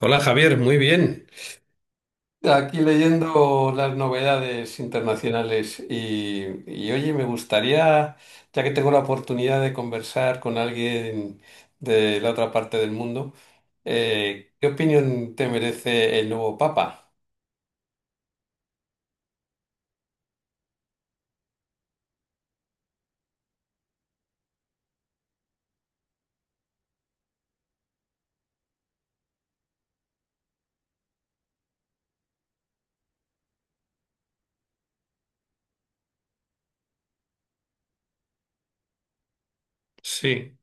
Hola Javier, muy bien. Aquí leyendo las novedades internacionales y, oye, me gustaría, ya que tengo la oportunidad de conversar con alguien de la otra parte del mundo, ¿qué opinión te merece el nuevo Papa? Sí.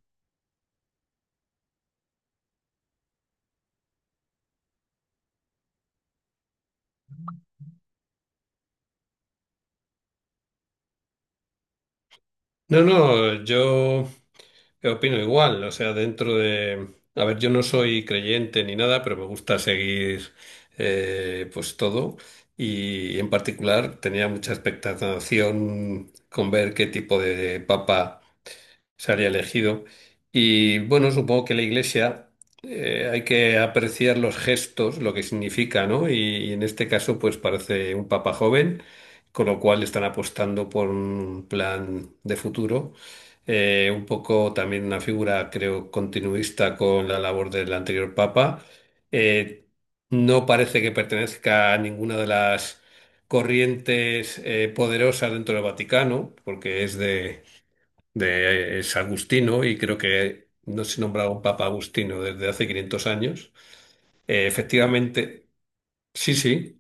No, no, yo, opino igual, o sea, dentro de, a ver, yo no soy creyente ni nada, pero me gusta seguir, pues, todo. Y en particular tenía mucha expectación con ver qué tipo de papa salía elegido. Y bueno, supongo que la iglesia, hay que apreciar los gestos, lo que significa, ¿no? Y en este caso, pues parece un papa joven, con lo cual están apostando por un plan de futuro. Un poco también una figura, creo, continuista con la labor del anterior papa. Eh, no parece que pertenezca a ninguna de las corrientes, poderosas dentro del Vaticano, porque es de es Agustino y creo que no se nombraba un Papa Agustino desde hace 500 años. Efectivamente, sí, sí.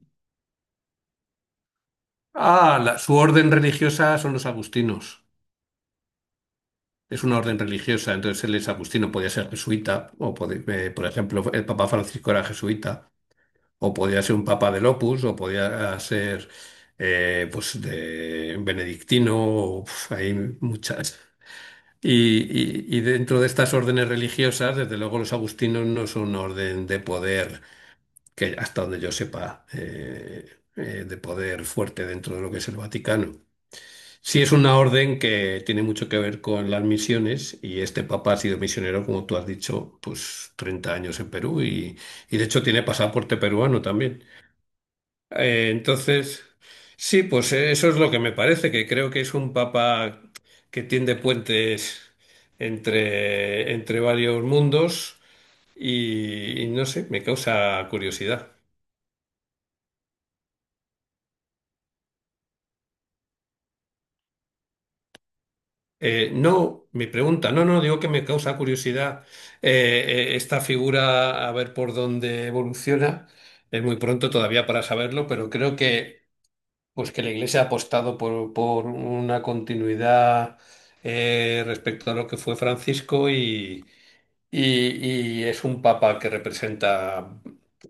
Su orden religiosa son los agustinos. Es una orden religiosa, entonces él es agustino, podía ser jesuita, o por ejemplo, el Papa Francisco era jesuita, o podía ser un Papa del Opus, o podía ser, pues, de benedictino, o, hay muchas. Y dentro de estas órdenes religiosas, desde luego los agustinos no son un orden de poder, que hasta donde yo sepa, de poder fuerte dentro de lo que es el Vaticano. Sí es una orden que tiene mucho que ver con las misiones y este papa ha sido misionero, como tú has dicho, pues 30 años en Perú y de hecho tiene pasaporte peruano también. Entonces, sí, pues, eso es lo que me parece, que creo que es un papa que tiende puentes entre varios mundos y no sé, me causa curiosidad. No, mi pregunta, no, no, digo que me causa curiosidad, esta figura, a ver por dónde evoluciona. Es muy pronto todavía para saberlo, pero creo que, pues, que la Iglesia ha apostado por una continuidad, respecto a lo que fue Francisco, y es un papa que representa,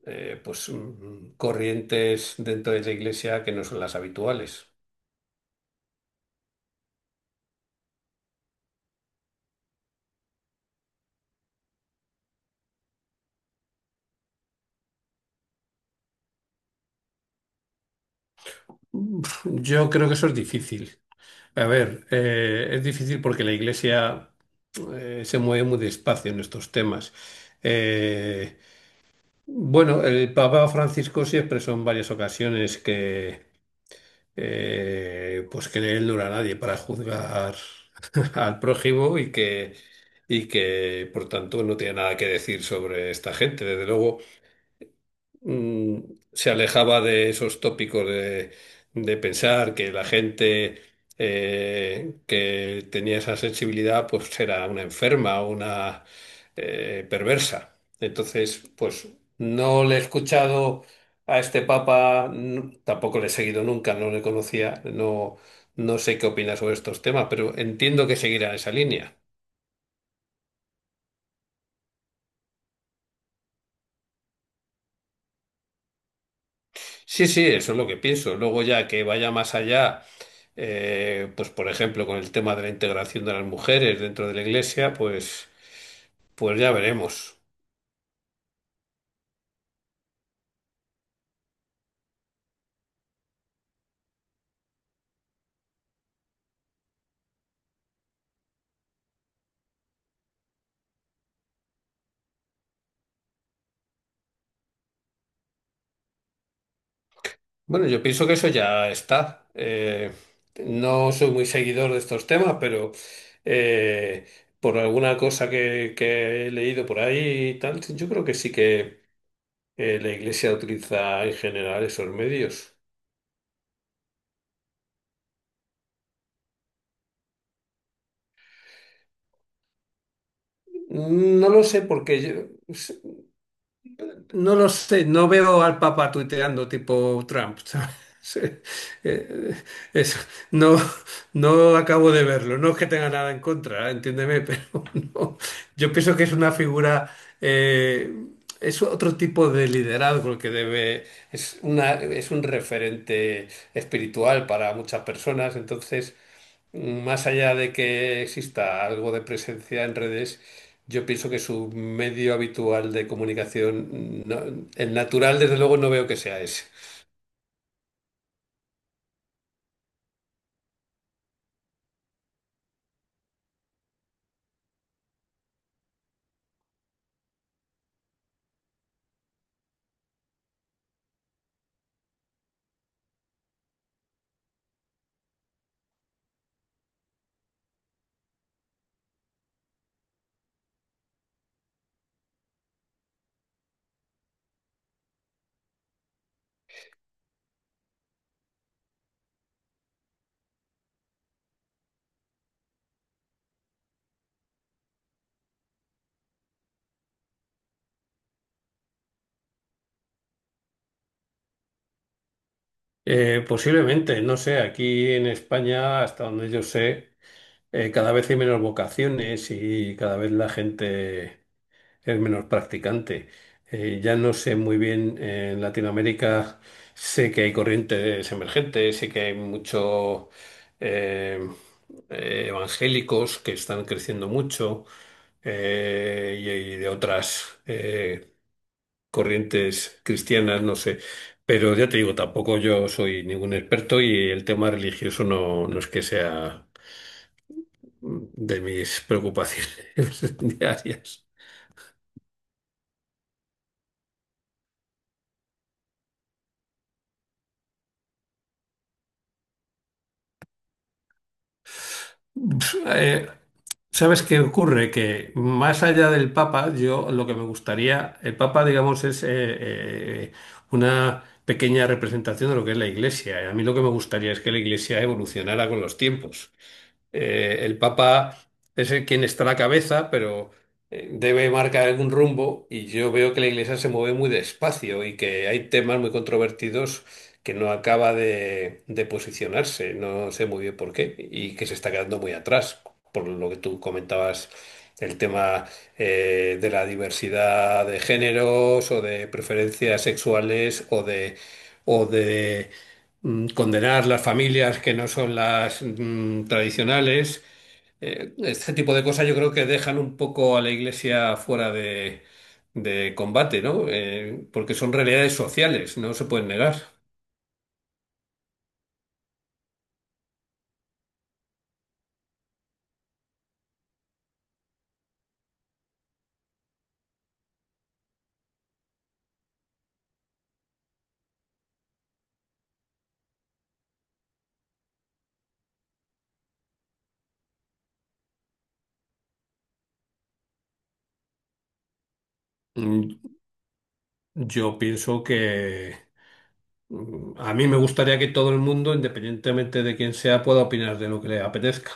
pues, corrientes dentro de la Iglesia que no son las habituales. Yo creo que eso es difícil. A ver, es difícil porque la Iglesia, se mueve muy despacio en estos temas. Eh, bueno, el Papa Francisco sí expresó en varias ocasiones que, pues que él no era nadie para juzgar al prójimo y que por tanto no tiene nada que decir sobre esta gente. Desde luego, mm, se alejaba de esos tópicos de pensar que la gente, que tenía esa sensibilidad pues era una enferma o una, perversa. Entonces, pues no le he escuchado a este papa, tampoco le he seguido nunca, no le conocía, no, no sé qué opina sobre estos temas, pero entiendo que seguirá esa línea. Sí, sí, eso es lo que pienso. Luego ya que vaya más allá, pues por ejemplo con el tema de la integración de las mujeres dentro de la iglesia, pues ya veremos. Bueno, yo pienso que eso ya está. No soy muy seguidor de estos temas, pero, eh, por alguna cosa que he leído por ahí y tal, yo creo que sí que, la iglesia utiliza en general esos medios. No lo sé, porque yo, no lo sé, no veo al Papa tuiteando tipo Trump, ¿sabes? Eh, eh, eso, no, no acabo de verlo. No es que tenga nada en contra, entiéndeme, pero no. Yo pienso que es una figura, eh, es otro tipo de liderazgo el que debe, es un referente espiritual para muchas personas, entonces más allá de que exista algo de presencia en redes, yo pienso que su medio habitual de comunicación, el natural, desde luego, no veo que sea ese. Posiblemente, no sé, aquí en España, hasta donde yo sé, cada vez hay menos vocaciones y cada vez la gente es menos practicante. Ya no sé muy bien, en Latinoamérica sé que hay corrientes emergentes, sé que hay muchos evangélicos que están creciendo mucho, y de otras, corrientes cristianas, no sé. Pero ya te digo, tampoco yo soy ningún experto y el tema religioso no, no es que sea, de mis preocupaciones diarias. Pues, ¿sabes qué ocurre? Que más allá del Papa, yo lo que me gustaría, el Papa, digamos, es, una pequeña representación de lo que es la Iglesia. A mí lo que me gustaría es que la Iglesia evolucionara con los tiempos. El Papa es el quien está a la cabeza, pero, debe marcar algún rumbo y yo veo que la Iglesia se mueve muy despacio y que hay temas muy controvertidos que no acaba de posicionarse, no sé muy bien por qué, y que se está quedando muy atrás, por lo que tú comentabas, el tema, de la diversidad de géneros o de preferencias sexuales o de condenar las familias que no son las, tradicionales. Este tipo de cosas yo creo que dejan un poco a la iglesia fuera de combate, ¿no? Porque son realidades sociales, no se pueden negar. Mm, Yo pienso que, a mí me gustaría que todo el mundo, independientemente de quién sea, pueda opinar de lo que le apetezca.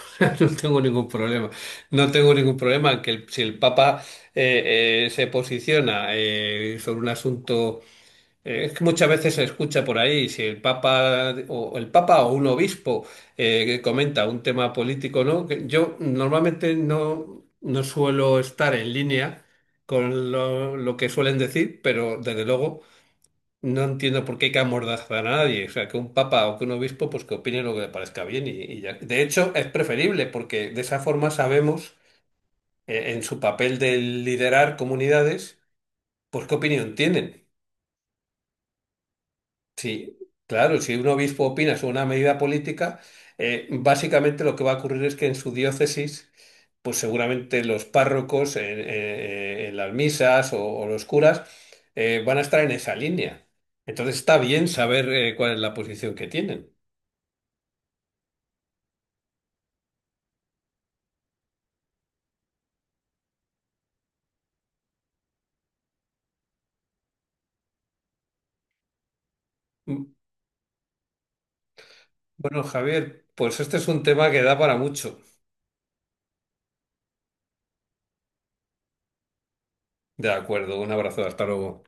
No tengo ningún problema. No tengo ningún problema en que si el Papa, se posiciona, sobre un asunto. Es que muchas veces se escucha por ahí si el Papa o un obispo, que comenta un tema político, ¿no? Que yo normalmente no suelo estar en línea con lo que suelen decir, pero desde luego no entiendo por qué hay que amordazar a nadie. O sea, que un Papa o que un obispo pues que opine lo que le parezca bien y ya. De hecho, es preferible porque de esa forma sabemos, en su papel de liderar comunidades, pues qué opinión tienen. Sí, claro, si un obispo opina sobre una medida política, básicamente lo que va a ocurrir es que en su diócesis, pues seguramente los párrocos en las misas o los curas, van a estar en esa línea. Entonces está bien saber, cuál es la posición que tienen. Mm, Bueno, Javier, pues este es un tema que da para mucho. De acuerdo, un abrazo, hasta luego.